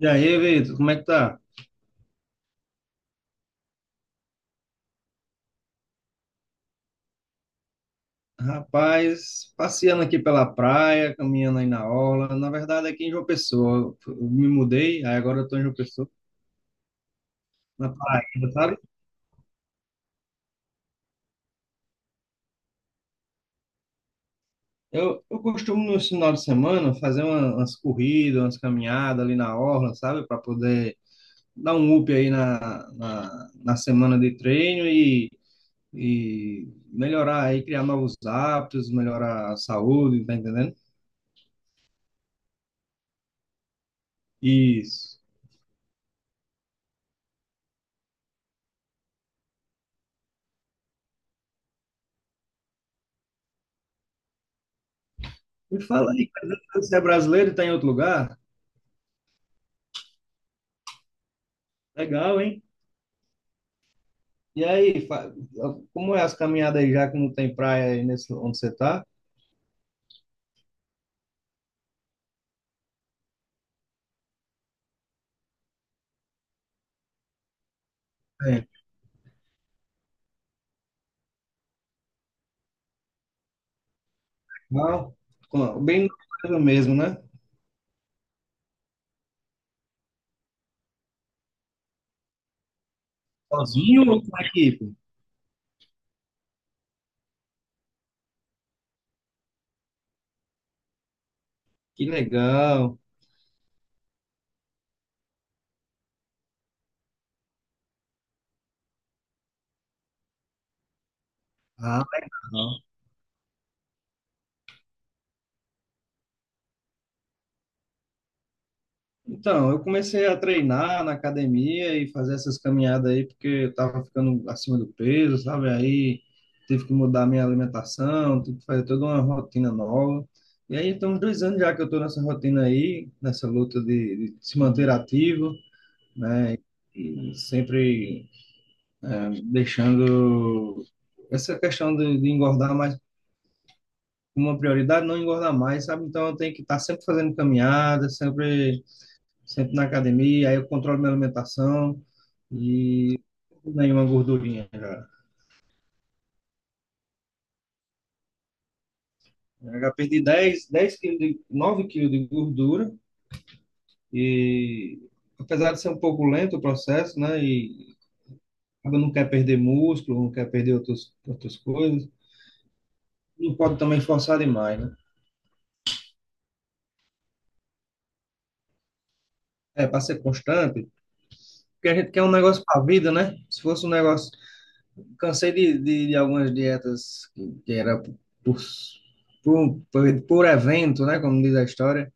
E aí, Vitor, como é que tá? Rapaz, passeando aqui pela praia, caminhando aí na orla. Na verdade, aqui em João Pessoa. Eu me mudei, aí agora eu tô em João Pessoa, na Paraíba, sabe? Eu costumo, no final de semana, fazer umas corridas, umas caminhadas ali na orla, sabe? Para poder dar um up aí na semana de treino e melhorar aí, criar novos hábitos, melhorar a saúde, tá entendendo? Isso. Me fala aí, cara, você é brasileiro e está em outro lugar? Legal, hein? E aí, fa- Como é as caminhadas aí, já que não tem praia aí nesse, onde você tá? É. Não, bem no bairro mesmo, né? Sozinho ou com a equipe? Que legal. Ah, legal. Então, eu comecei a treinar na academia e fazer essas caminhadas aí, porque eu tava ficando acima do peso, sabe? Aí tive que mudar minha alimentação, tive que fazer toda uma rotina nova. E aí, tem uns 2 anos já que eu tô nessa rotina aí, nessa luta de se manter ativo. Né? E sempre deixando essa questão de engordar mais uma prioridade, não engordar mais, sabe? Então eu tenho que estar sempre fazendo caminhada, sempre, sempre na academia, aí eu controlo minha alimentação e nenhuma gordurinha já. Eu já perdi 10 quilos, de, 9 quilos de gordura e apesar de ser um pouco lento o processo, né? E acaba não quer perder músculo, não quer perder outros, outras coisas, não pode também forçar demais, né? É, para ser constante, porque a gente quer um negócio para a vida, né? Se fosse um negócio. Cansei de algumas dietas que era por evento, né? Como diz a história.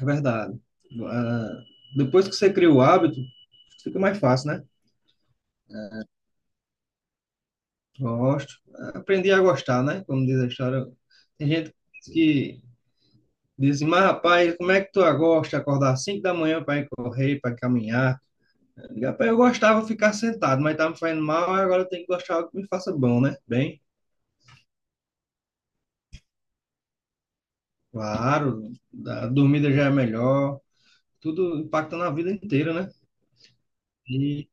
É verdade. Ah, depois que você cria o hábito, fica mais fácil, né? Gosto. Aprendi a gostar, né? Como diz a história. Tem gente que diz assim, mas rapaz, como é que tu gosta de acordar às 5 da manhã para ir correr, para caminhar? Rapaz, eu gostava de ficar sentado, mas tá me fazendo mal, aí agora eu tenho que gostar de algo que me faça bom, né? Bem, claro, a dormida já é melhor, tudo impacta na vida inteira, né? E,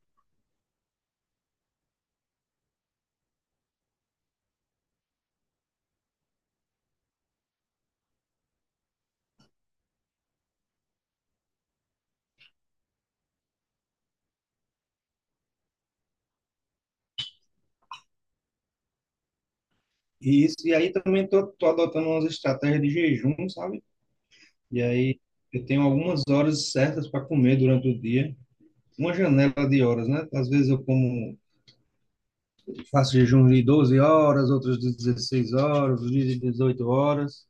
e aí também tô adotando umas estratégias de jejum, sabe? E aí eu tenho algumas horas certas para comer durante o dia, uma janela de horas, né? Às vezes eu como, faço jejum de 12 horas, outros de 16 horas, outros de 18 horas,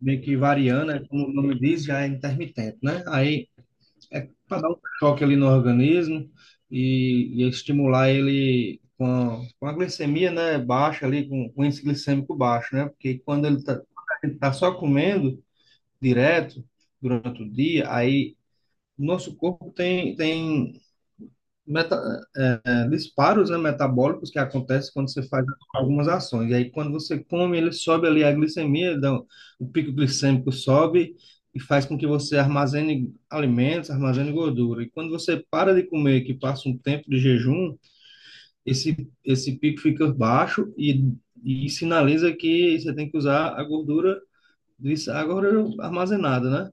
meio que variando, né? Como o nome diz, já é intermitente, né? Aí é para dar um choque ali no organismo e estimular ele com a glicemia, né, baixa ali, com o índice glicêmico baixo, né? Porque quando ele tá, quando a gente tá só comendo direto durante o dia, aí nosso corpo tem meta, disparos, né, metabólicos que acontecem quando você faz algumas ações. E aí, quando você come, ele sobe ali a glicemia, o pico glicêmico sobe e faz com que você armazene alimentos, armazene gordura. E quando você para de comer, que passa um tempo de jejum, esse, esse pico fica baixo e sinaliza que você tem que usar a gordura, a gordura armazenada, né?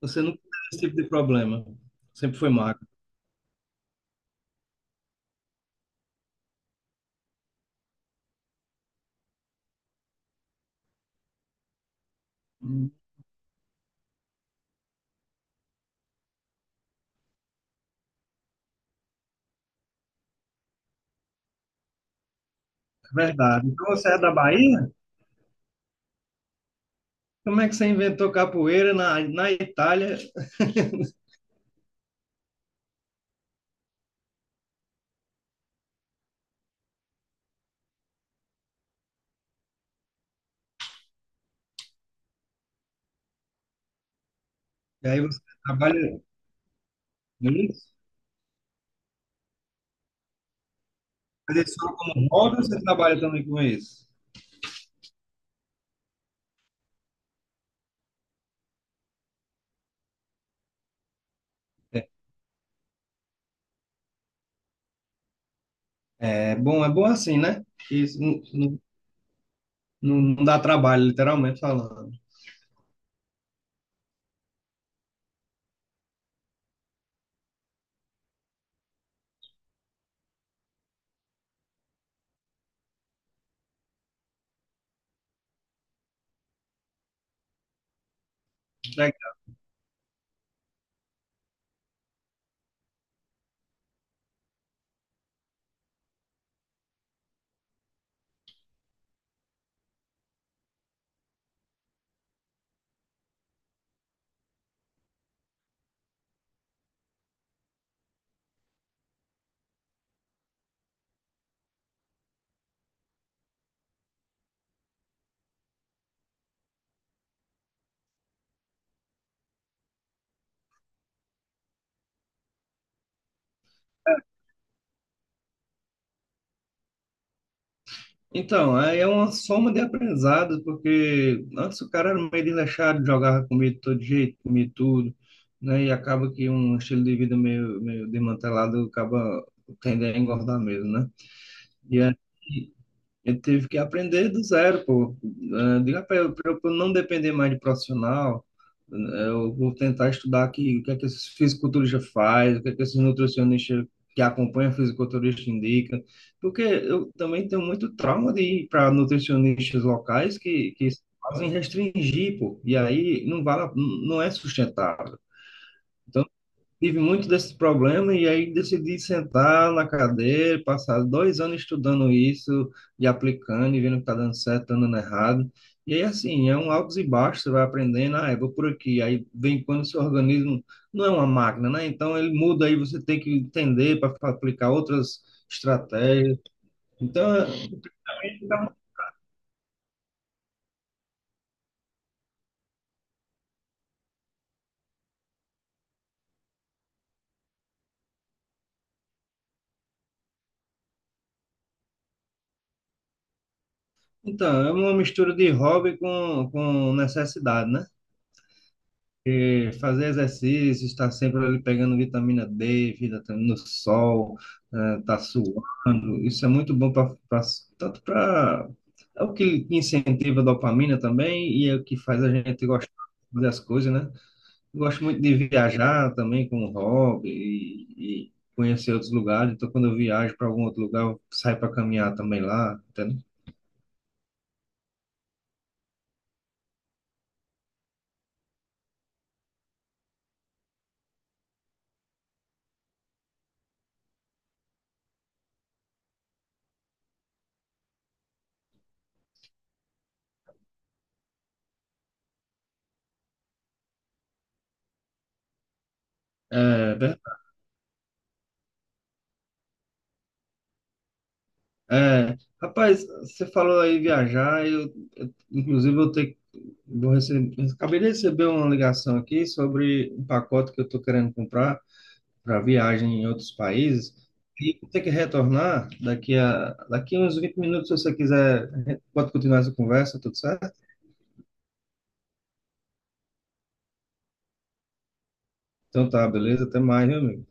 Você não tem esse tipo de problema. Sempre foi magro. Verdade. Então, você é da Bahia? Como é que você inventou capoeira na Itália? E aí você trabalha com isso? Mas é só como hobby ou você trabalha também com isso? É, é bom assim, né? Que isso não dá trabalho, literalmente falando. Legal. Então, aí é uma soma de aprendizados, porque antes o cara era meio desleixado, jogava comida de todo jeito, comia tudo, né? E acaba que um estilo de vida meio, meio desmantelado acaba tendendo a engordar mesmo, né? Eu tive que aprender do zero, pô. Ah, diga pra eu não depender mais de profissional, ah, eu vou tentar estudar aqui o que é que esses fisiculturistas fazem, o que é que esses nutricionistas que acompanham fisiculturista indicam, porque eu também tenho muito trauma de ir para nutricionistas locais que fazem restringir, pô. E aí não vale, não é sustentável. Então, tive muito desse problema e aí decidi sentar na cadeira, passar 2 anos estudando isso e aplicando e vendo que está dando certo, tá dando errado. E aí, assim, é um altos e baixos, você vai aprendendo, ah, eu vou por aqui. Aí vem quando o seu organismo não é uma máquina, né? Então ele muda aí, você tem que entender para aplicar outras estratégias. Então, é- então, é uma mistura de hobby com necessidade, né? Fazer exercício, estar sempre ali pegando vitamina D, vitamina no sol, tá suando. Isso é muito bom para tanto para é o que incentiva a dopamina também e é o que faz a gente gostar das coisas, né? Eu gosto muito de viajar também como hobby e conhecer outros lugares. Então, quando eu viajo para algum outro lugar, eu saio para caminhar também lá, entendeu? É. É, rapaz, você falou aí viajar, inclusive eu tenho, vou receber, acabei de receber uma ligação aqui sobre um pacote que eu estou querendo comprar para viagem em outros países e vou ter que retornar daqui a uns 20 minutos, se você quiser, a gente pode continuar essa conversa, tudo certo? Então tá, beleza, até mais, meu amigo.